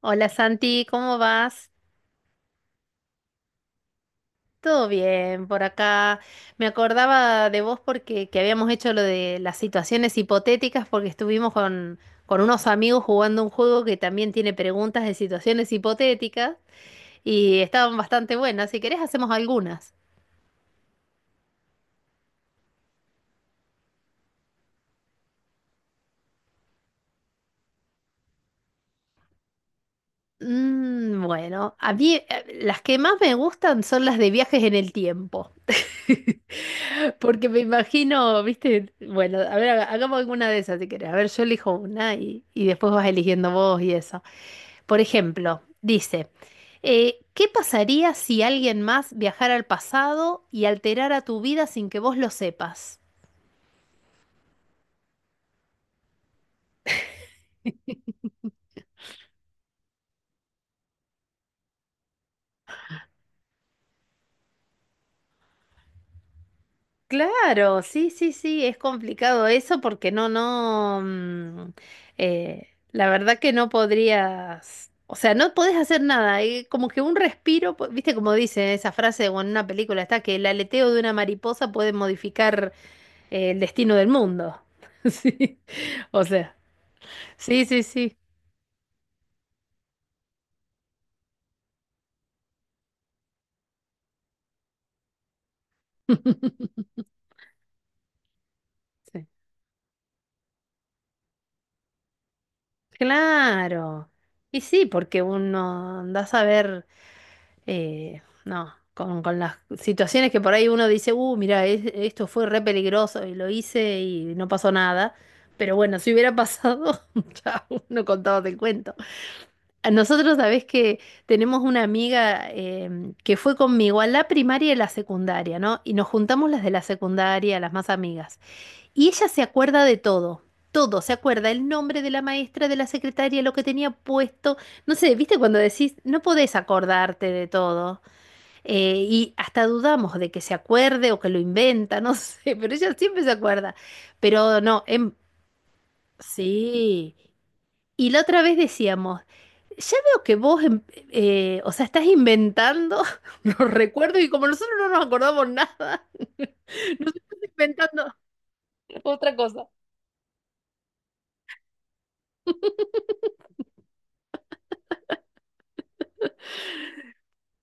Hola Santi, ¿cómo vas? Todo bien por acá. Me acordaba de vos porque que habíamos hecho lo de las situaciones hipotéticas porque estuvimos con unos amigos jugando un juego que también tiene preguntas de situaciones hipotéticas y estaban bastante buenas. Si querés hacemos algunas. Bueno, a mí las que más me gustan son las de viajes en el tiempo. Porque me imagino, viste, bueno, a ver, hagamos alguna de esas si querés. A ver, yo elijo una y después vas eligiendo vos y eso. Por ejemplo, dice, ¿qué pasaría si alguien más viajara al pasado y alterara tu vida sin que vos lo sepas? Claro, sí, sí, sí, es complicado eso porque no, no, la verdad que no podrías, o sea, no podés hacer nada, como que un respiro, viste como dice esa frase o en una película está que el aleteo de una mariposa puede modificar el destino del mundo. Sí, o sea, sí, sí, sí. Sí. Claro. Y sí, porque uno anda a ver. No, con las situaciones que por ahí uno dice, mira, esto fue re peligroso y lo hice y no pasó nada. Pero bueno, si hubiera pasado, ya uno contaba el cuento. A nosotros, sabés que tenemos una amiga que fue conmigo a la primaria y la secundaria, ¿no? Y nos juntamos las de la secundaria, las más amigas. Y ella se acuerda de todo. Todo, se acuerda el nombre de la maestra, de la secretaria, lo que tenía puesto. No sé, ¿viste cuando decís, no podés acordarte de todo? Y hasta dudamos de que se acuerde o que lo inventa, no sé, pero ella siempre se acuerda. Pero no, sí. Y la otra vez decíamos, ya veo que vos, o sea, estás inventando los recuerdos y como nosotros no nos acordamos nada, nos estás inventando otra cosa.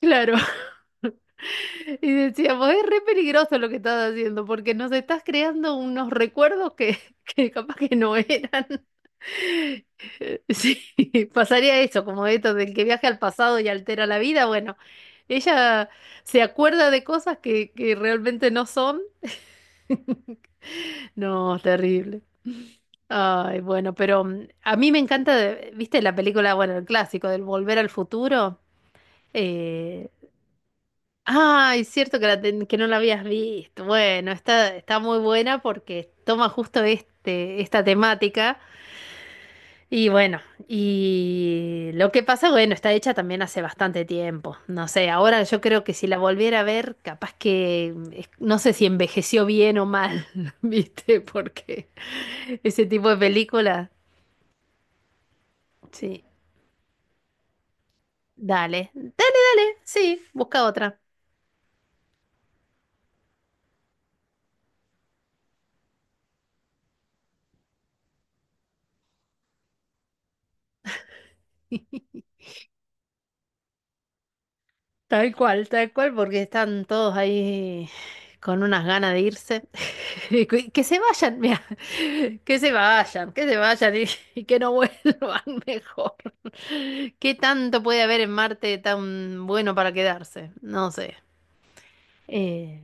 Claro. Y decíamos, es re peligroso lo que estás haciendo porque nos estás creando unos recuerdos que capaz que no eran. Sí, pasaría eso, como esto del que viaja al pasado y altera la vida. Bueno, ella se acuerda de cosas que realmente no son. No, terrible. Ay, bueno, pero a mí me encanta, ¿viste la película, bueno, el clásico del Volver al Futuro? Eh, ah, es cierto que, que no la habías visto. Bueno, está muy buena porque toma justo esta temática. Y bueno, y lo que pasa, bueno, está hecha también hace bastante tiempo. No sé, ahora yo creo que si la volviera a ver, capaz que no sé si envejeció bien o mal, ¿viste? Porque ese tipo de película, sí. Dale, dale, sí, busca otra. Tal cual, porque están todos ahí con unas ganas de irse. Que se vayan, mira, que se vayan y, y que no vuelvan mejor. ¿Qué tanto puede haber en Marte tan bueno para quedarse? No sé. Eh,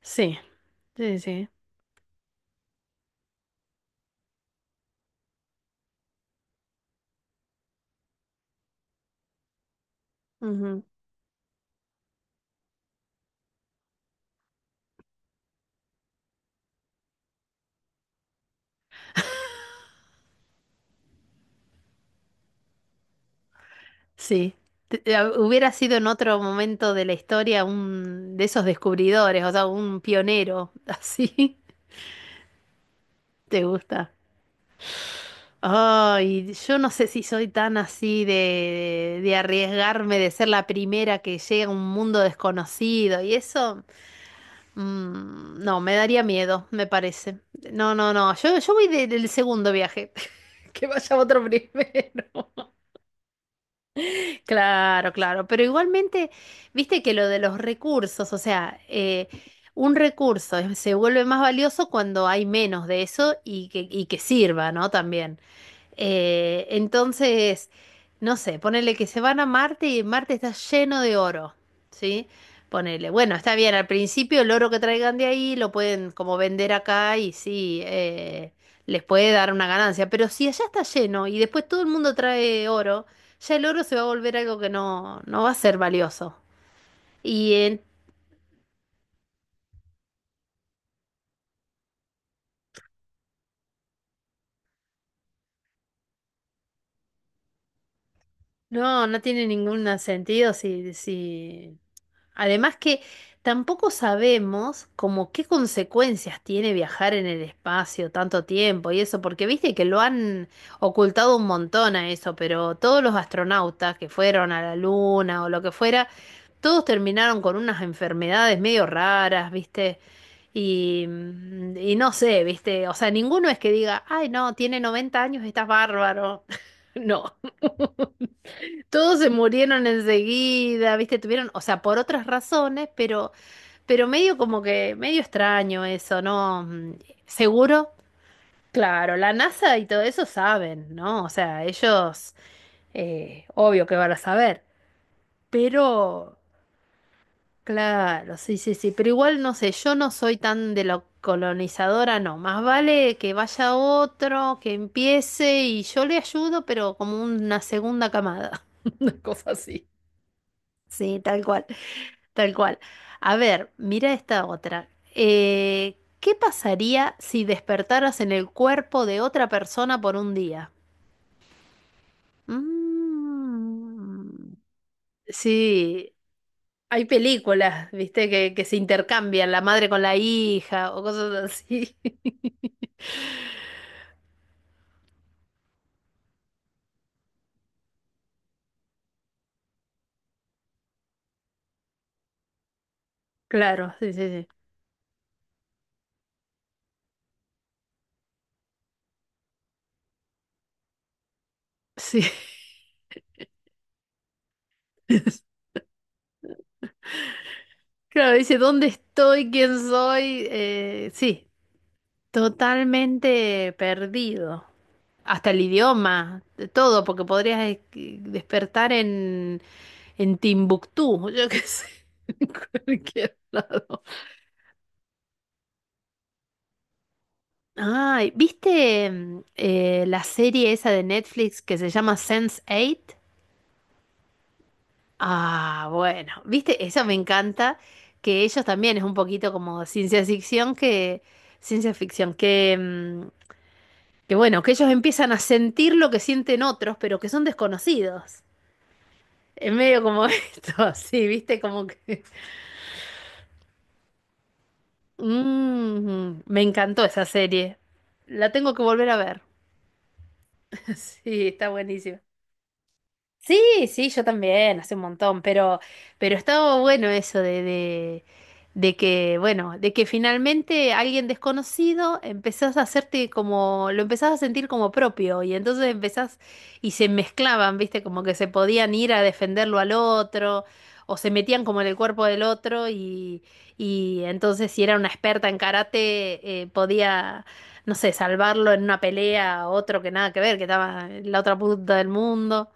sí, sí, sí. Ujú. Sí. Hubiera sido en otro momento de la historia un de esos descubridores, o sea, un pionero. Así, ¿te gusta? Ay, yo no sé si soy tan así de arriesgarme, de ser la primera que llega a un mundo desconocido y eso, no, me daría miedo, me parece. No, no, no, yo voy del segundo viaje, que vaya otro primero. Claro, claro, pero igualmente, viste que lo de los recursos, o sea, un recurso se vuelve más valioso cuando hay menos de eso y que sirva, ¿no? También. Entonces, no sé, ponele que se van a Marte y Marte está lleno de oro, ¿sí? Ponele, bueno, está bien, al principio el oro que traigan de ahí lo pueden como vender acá y sí, les puede dar una ganancia, pero si allá está lleno y después todo el mundo trae oro, ya el oro se va a volver algo que no va a ser valioso. Y no, no tiene ningún sentido si. Además que tampoco sabemos como qué consecuencias tiene viajar en el espacio tanto tiempo y eso, porque viste que lo han ocultado un montón a eso, pero todos los astronautas que fueron a la Luna o lo que fuera, todos terminaron con unas enfermedades medio raras, viste, y no sé, viste, o sea, ninguno es que diga, ay no, tiene 90 años, estás bárbaro. No. Todos se murieron enseguida, ¿viste? Tuvieron, o sea, por otras razones, pero medio como que, medio extraño eso, ¿no? Seguro, claro, la NASA y todo eso saben, ¿no? O sea, ellos, obvio que van a saber, pero, claro, sí, sí, sí, pero igual no sé, yo no soy tan de lo colonizadora, no, más vale que vaya otro, que empiece y yo le ayudo, pero como una segunda camada, una cosa así. Sí, tal cual. Tal cual. A ver, mira esta otra. ¿Qué pasaría si despertaras en el cuerpo de otra persona por un día? Mm, sí, hay películas, viste, que se intercambian la madre con la hija o cosas así. Claro, sí, sí, sí. Sí. Claro, dice, ¿dónde estoy? ¿Quién soy? Sí, totalmente perdido. Hasta el idioma, de todo, porque podrías despertar en, Timbuktu, yo qué sé, en cualquier lado. Ay, ¿viste la serie esa de Netflix que se llama Sense8? Ah, bueno, ¿viste? Eso me encanta, que ellos también es un poquito como ciencia ficción, que bueno, que ellos empiezan a sentir lo que sienten otros, pero que son desconocidos. Es medio como esto, así, viste, como que. Me encantó esa serie. La tengo que volver a ver. Sí, está buenísima. Sí, sí, yo también, hace un montón, pero estaba bueno eso de que, bueno, de que finalmente alguien desconocido empezás a hacerte como, lo empezás a sentir como propio, y entonces empezás, y se mezclaban, viste, como que se podían ir a defenderlo al otro, o se metían como en el cuerpo del otro, y entonces si era una experta en karate, podía no sé, salvarlo en una pelea a otro que nada que ver, que estaba en la otra punta del mundo.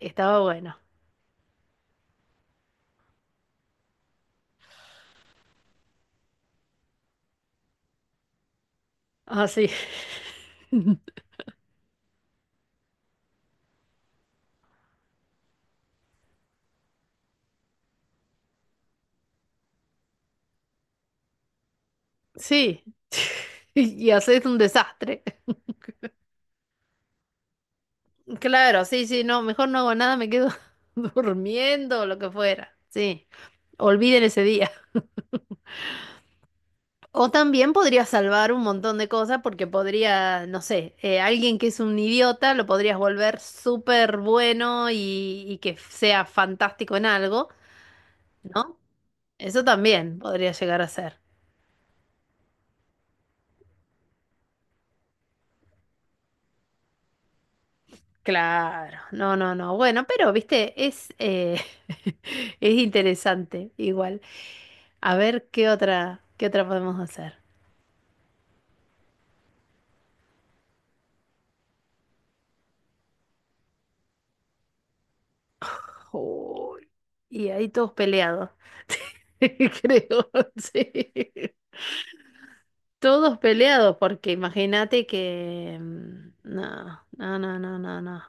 Estaba bueno. Así, sí. Sí. Y haces un desastre. Claro, sí, sí, no, mejor no hago nada, me quedo durmiendo o lo que fuera. Sí. Olviden ese día. O también podría salvar un montón de cosas porque podría, no sé, alguien que es un idiota lo podrías volver súper bueno y que sea fantástico en algo, ¿no? Eso también podría llegar a ser. Claro, no, no, no. Bueno, pero, viste, es interesante igual. A ver qué otra podemos hacer. Uy, y ahí todos peleados, creo, sí. Todos peleados, porque imagínate que, mm, no, no, no, no, no, no.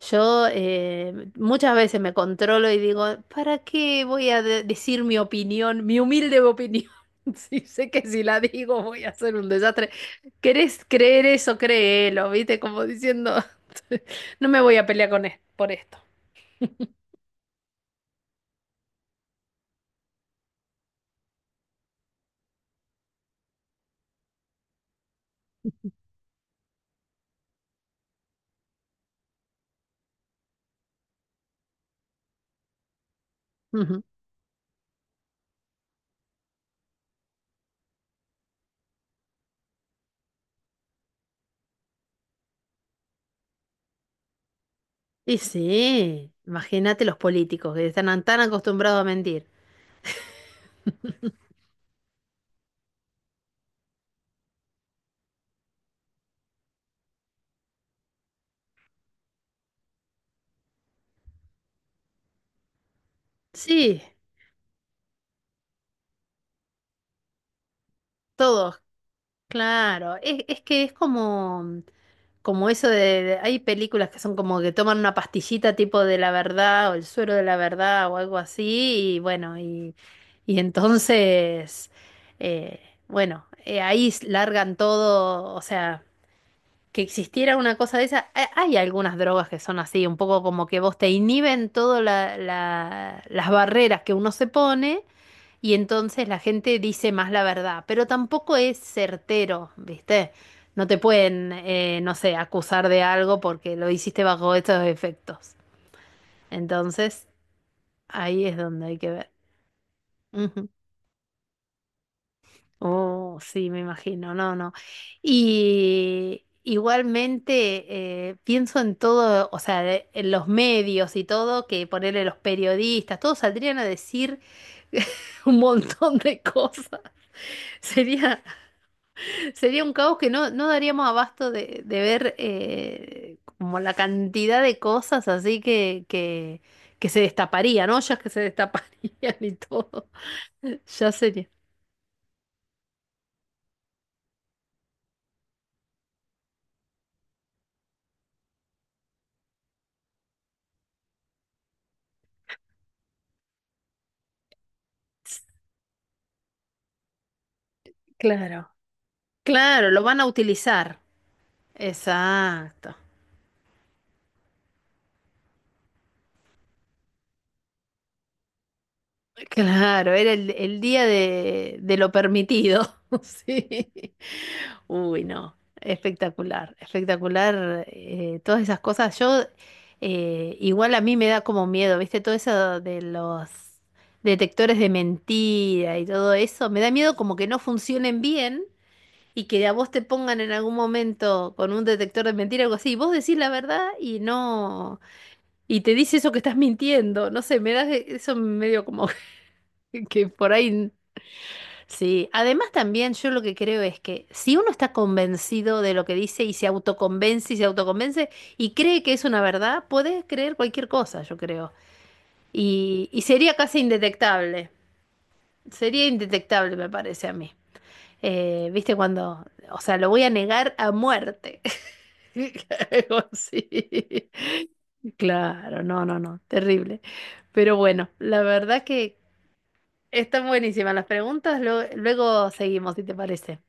Yo muchas veces me controlo y digo, ¿para qué voy a decir mi opinión, mi humilde opinión? Si sé que si la digo voy a hacer un desastre. ¿Querés creer eso? Créelo, ¿viste? Como diciendo, no me voy a pelear con por esto. Ujú. Y sí, imagínate los políticos que están tan acostumbrados a mentir. Sí, todos, claro. Es que es como eso de, hay películas que son como que toman una pastillita tipo de la verdad o el suero de la verdad o algo así y bueno, y entonces, eh, bueno, ahí largan todo, o sea, que existiera una cosa de esa, hay algunas drogas que son así, un poco como que vos te inhiben todas las barreras que uno se pone. Y entonces la gente dice más la verdad, pero tampoco es certero, ¿viste? No te pueden, no sé, acusar de algo porque lo hiciste bajo estos efectos. Entonces, ahí es donde hay que ver. Ujú. Oh, sí, me imagino, no, no. Y igualmente pienso en todo, o sea, en los medios y todo, que ponerle los periodistas, todos saldrían a decir un montón de cosas. Sería sería un caos que no daríamos abasto de ver como la cantidad de cosas así que se destaparía, ¿no? Ya que se destaparían y todo. Ya sería. Claro. Claro, lo van a utilizar. Exacto. Claro, era el día de lo permitido. Sí. Uy, no. Espectacular, espectacular. Todas esas cosas. Yo, igual a mí me da como miedo, ¿viste? Todo eso de los detectores de mentira y todo eso. Me da miedo como que no funcionen bien y que a vos te pongan en algún momento con un detector de mentira o algo así. Y vos decís la verdad y no. Y te dice eso que estás mintiendo. No sé, me da eso medio como. Que por ahí, sí. Además también yo lo que creo es que si uno está convencido de lo que dice y se autoconvence y se autoconvence y cree que es una verdad, puede creer cualquier cosa, yo creo. Y sería casi indetectable. Sería indetectable, me parece a mí. ¿Viste cuando, o sea, lo voy a negar a muerte? Algo así. Claro, no, no, no, terrible. Pero bueno, la verdad que. Están buenísimas las preguntas, luego seguimos, si te parece.